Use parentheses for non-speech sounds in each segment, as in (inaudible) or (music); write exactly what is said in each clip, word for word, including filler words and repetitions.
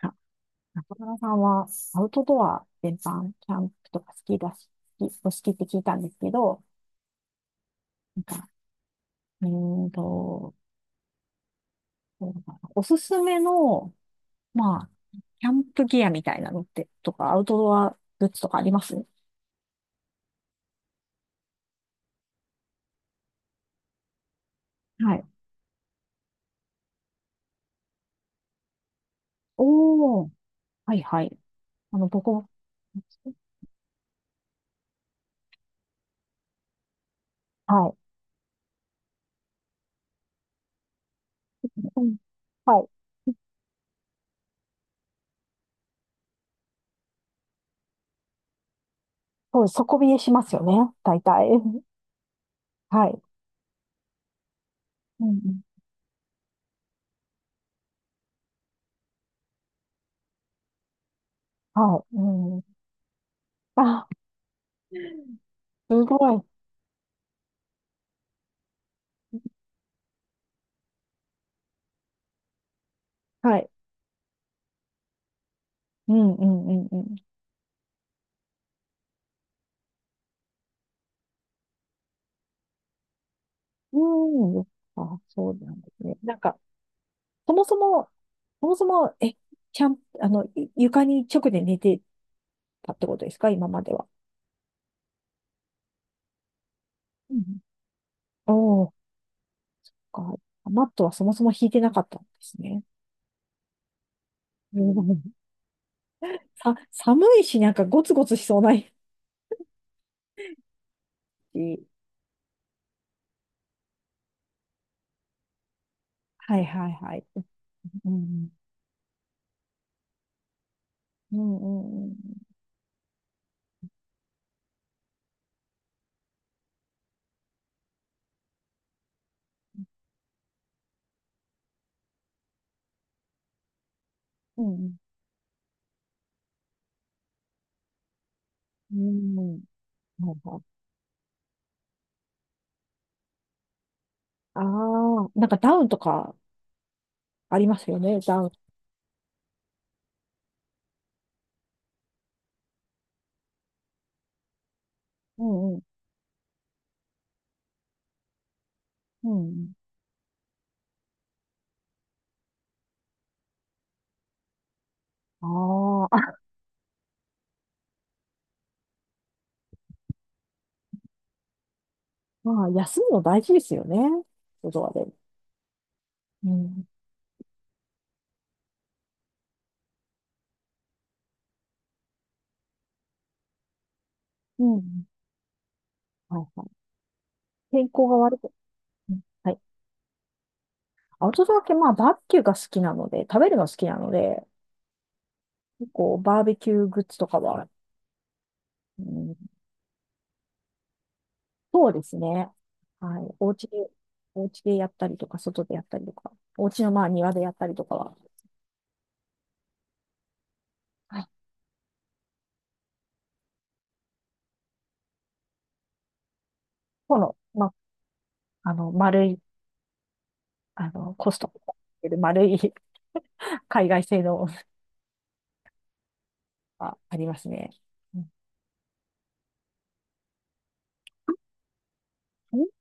あ、中村さんはアウトドア全般、キャンプとか好きだし、好きお好きって聞いたんですけど、なんか、うーんと、そうだな、おすすめの、まあ、キャンプギアみたいなのって、とか、アウトドアグッズとかあります？はい。おー、はいはい。あの、僕も、はい。うん、はい。そうです、底冷えしますよね、大体。(laughs) はい。うんうん、はい。うん。あ、すごい。はい。うんうんうんうん。うん。あ、そうなんですね。なんか、そもそも、そもそも、え、ちゃん、あの、い床に直で寝てたってことですか、今までは？うん。おー、か。マットはそもそも引いてなかったんですね。うん、さ、寒いし、なんかゴツゴツしそうないし。はいはいはい。うん。うんうんうん。うん。うん。はいはい。ああ、なんかダウンとかありますよね、ダウン。うんうん。うん。ああ、まあ、休むの大事ですよね。外はで、うん。うん。はいはい。天候が悪く。うん、はい。アウトドア系、まあ、バーベキューが好きなので、食べるの好きなので、結構バーベキューグッズとかは、うん、そうですね。はい。お家で、お家でやったりとか、外でやったりとか、お家のまあ庭でやったりとかは、はい。この、まあ、あの、丸い、あの、コストコで丸い (laughs) 海外製のがありますね。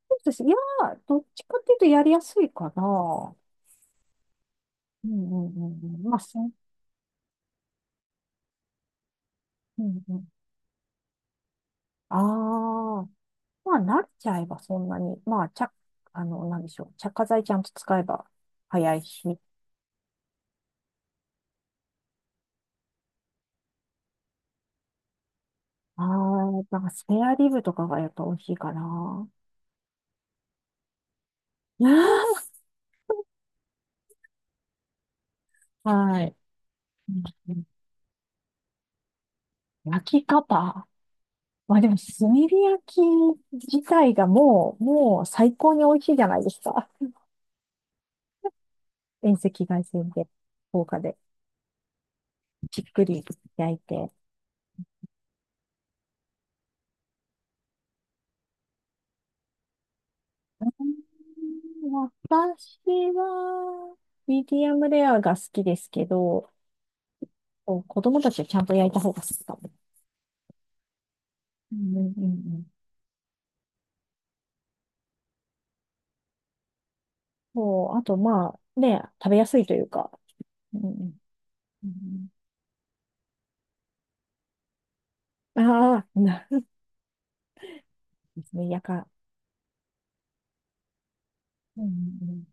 そうですね。いやー、どっちかっていうとやりやすいかな。うんうんうんうん。まあ、そう。うんうん。ああ。まあ、慣れちゃえばそんなに。まあ、ちゃ、あの、なんでしょう。着火剤ちゃんと使えば早いし。ああ、なんかスペアリブとかがやっぱ美味しいかな。(laughs) はい。うんうん、焼き方。まあでも、炭火焼き自体がもう、もう最高に美味しいじゃないですか。遠赤外線で、効果で、じっくり焼いて。私は、ミディアムレアが好きですけど、こう子供たちはちゃんと焼いた方が好きかも。うんうんうんうん、う、あと、まあ、ね、食べやすいというか。うんうんうんうん、ああ、なるほどですね。(laughs) やか。うんうんうん、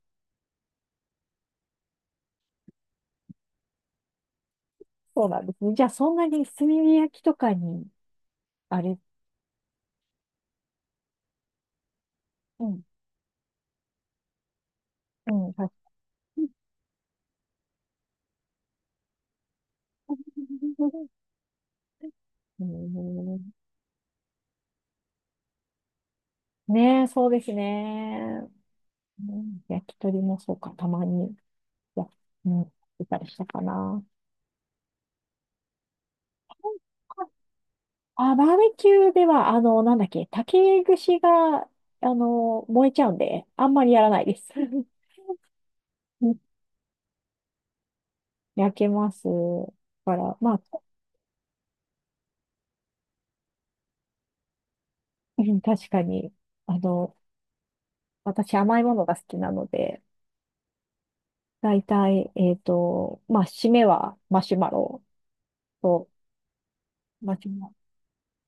そうなんですね。じゃあ、そんなに炭火焼きとかに、あれ、うん、うん、はい、うん、ねえ、そうですね。うん、焼き鳥もそうか、たまに。いや、うん、いたりしたかな。あ、バーベキューでは、あの、なんだっけ、竹串が、あの、燃えちゃうんで、あんまりやらないです。(laughs) うん、焼けます。から、まあ、うん、確かに、あの、私甘いものが好きなので、だいたい、えっと、まあ、締めはマシュマロと、マシュマロ、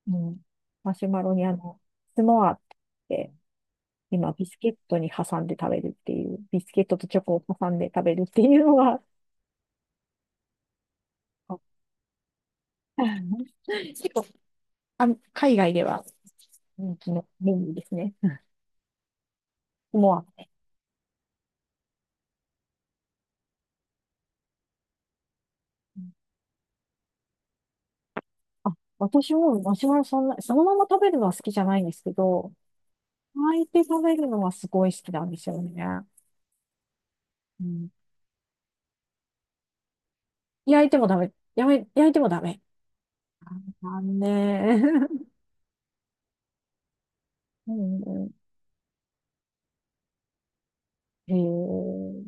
うん、マシュマロにあの、スモアって今、ビスケットに挟んで食べるっていう、ビスケットとチョコを挟んで食べるっていうのは、(laughs) 結構、あの、海外では人気のメニューですね。うん、もう、あ、私もマシュマロ、そんな、そのまま食べるのは好きじゃないんですけど、焼いて食べるのはすごい好きなんですよね。うん。焼いてもダメ？やめ、焼いてもダメ。残念。(laughs) うん、えー。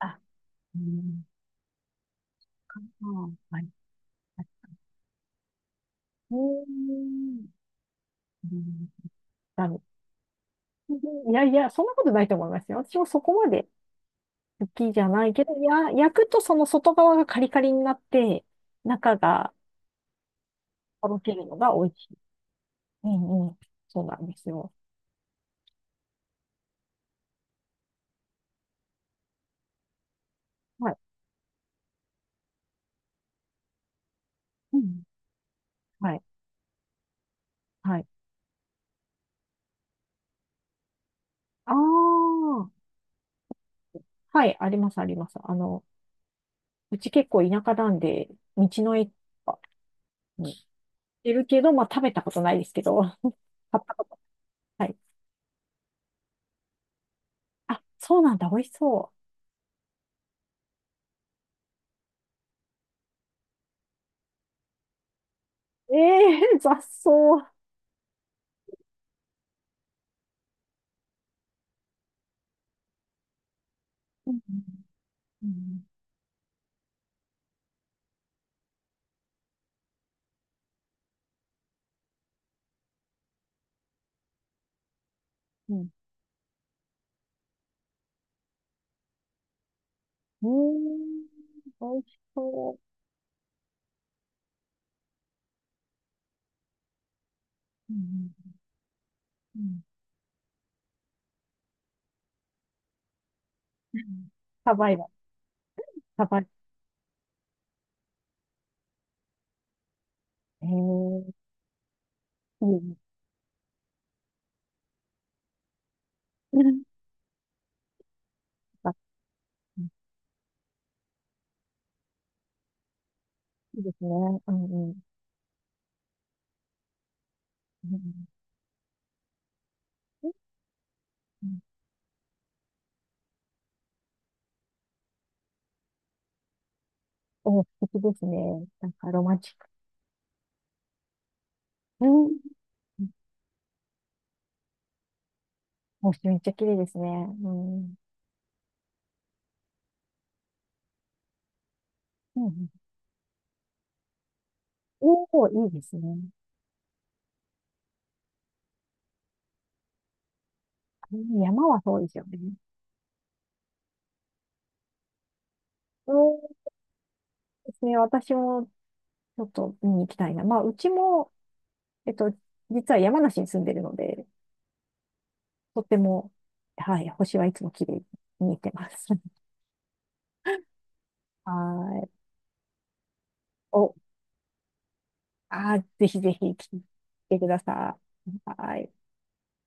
あ、うん。あ、はい。うーん。うん、ダメ、いやいや、そんなことないと思いますよ。私もそこまで好きじゃないけど、いや、焼くとその外側がカリカリになって、中がとろけるのが美味しい。うんうん。そうなんですよ。はい。うん。はい。はい。ああ。はい、あります、あります。あの、うち結構田舎なんで、道の駅とかに行ってるけど、まあ食べたことないですけど、(laughs) 買ったこと。はい。あ、そうなんだ、美味しそう。え、えー、(laughs) 雑草。うんうんうん、うーん、美味しそう。うん、うん、うん、サバイバル、サバイバル。ええ、いいね。うん、あ、いいですね。うん、うん。うんうん、お、素敵ですね。なんかロマンチック。うん。もうめっちゃ綺麗ですね。うん。うん、おお、いいですね。山はそうですよね。そうですね。私もちょっと見に行きたいな。まあ、うちも、えっと、実は山梨に住んでるので、とても、はい、星はいつも綺麗に見えてます。(laughs) はい。お、あー、ぜひぜひ来てください。はい。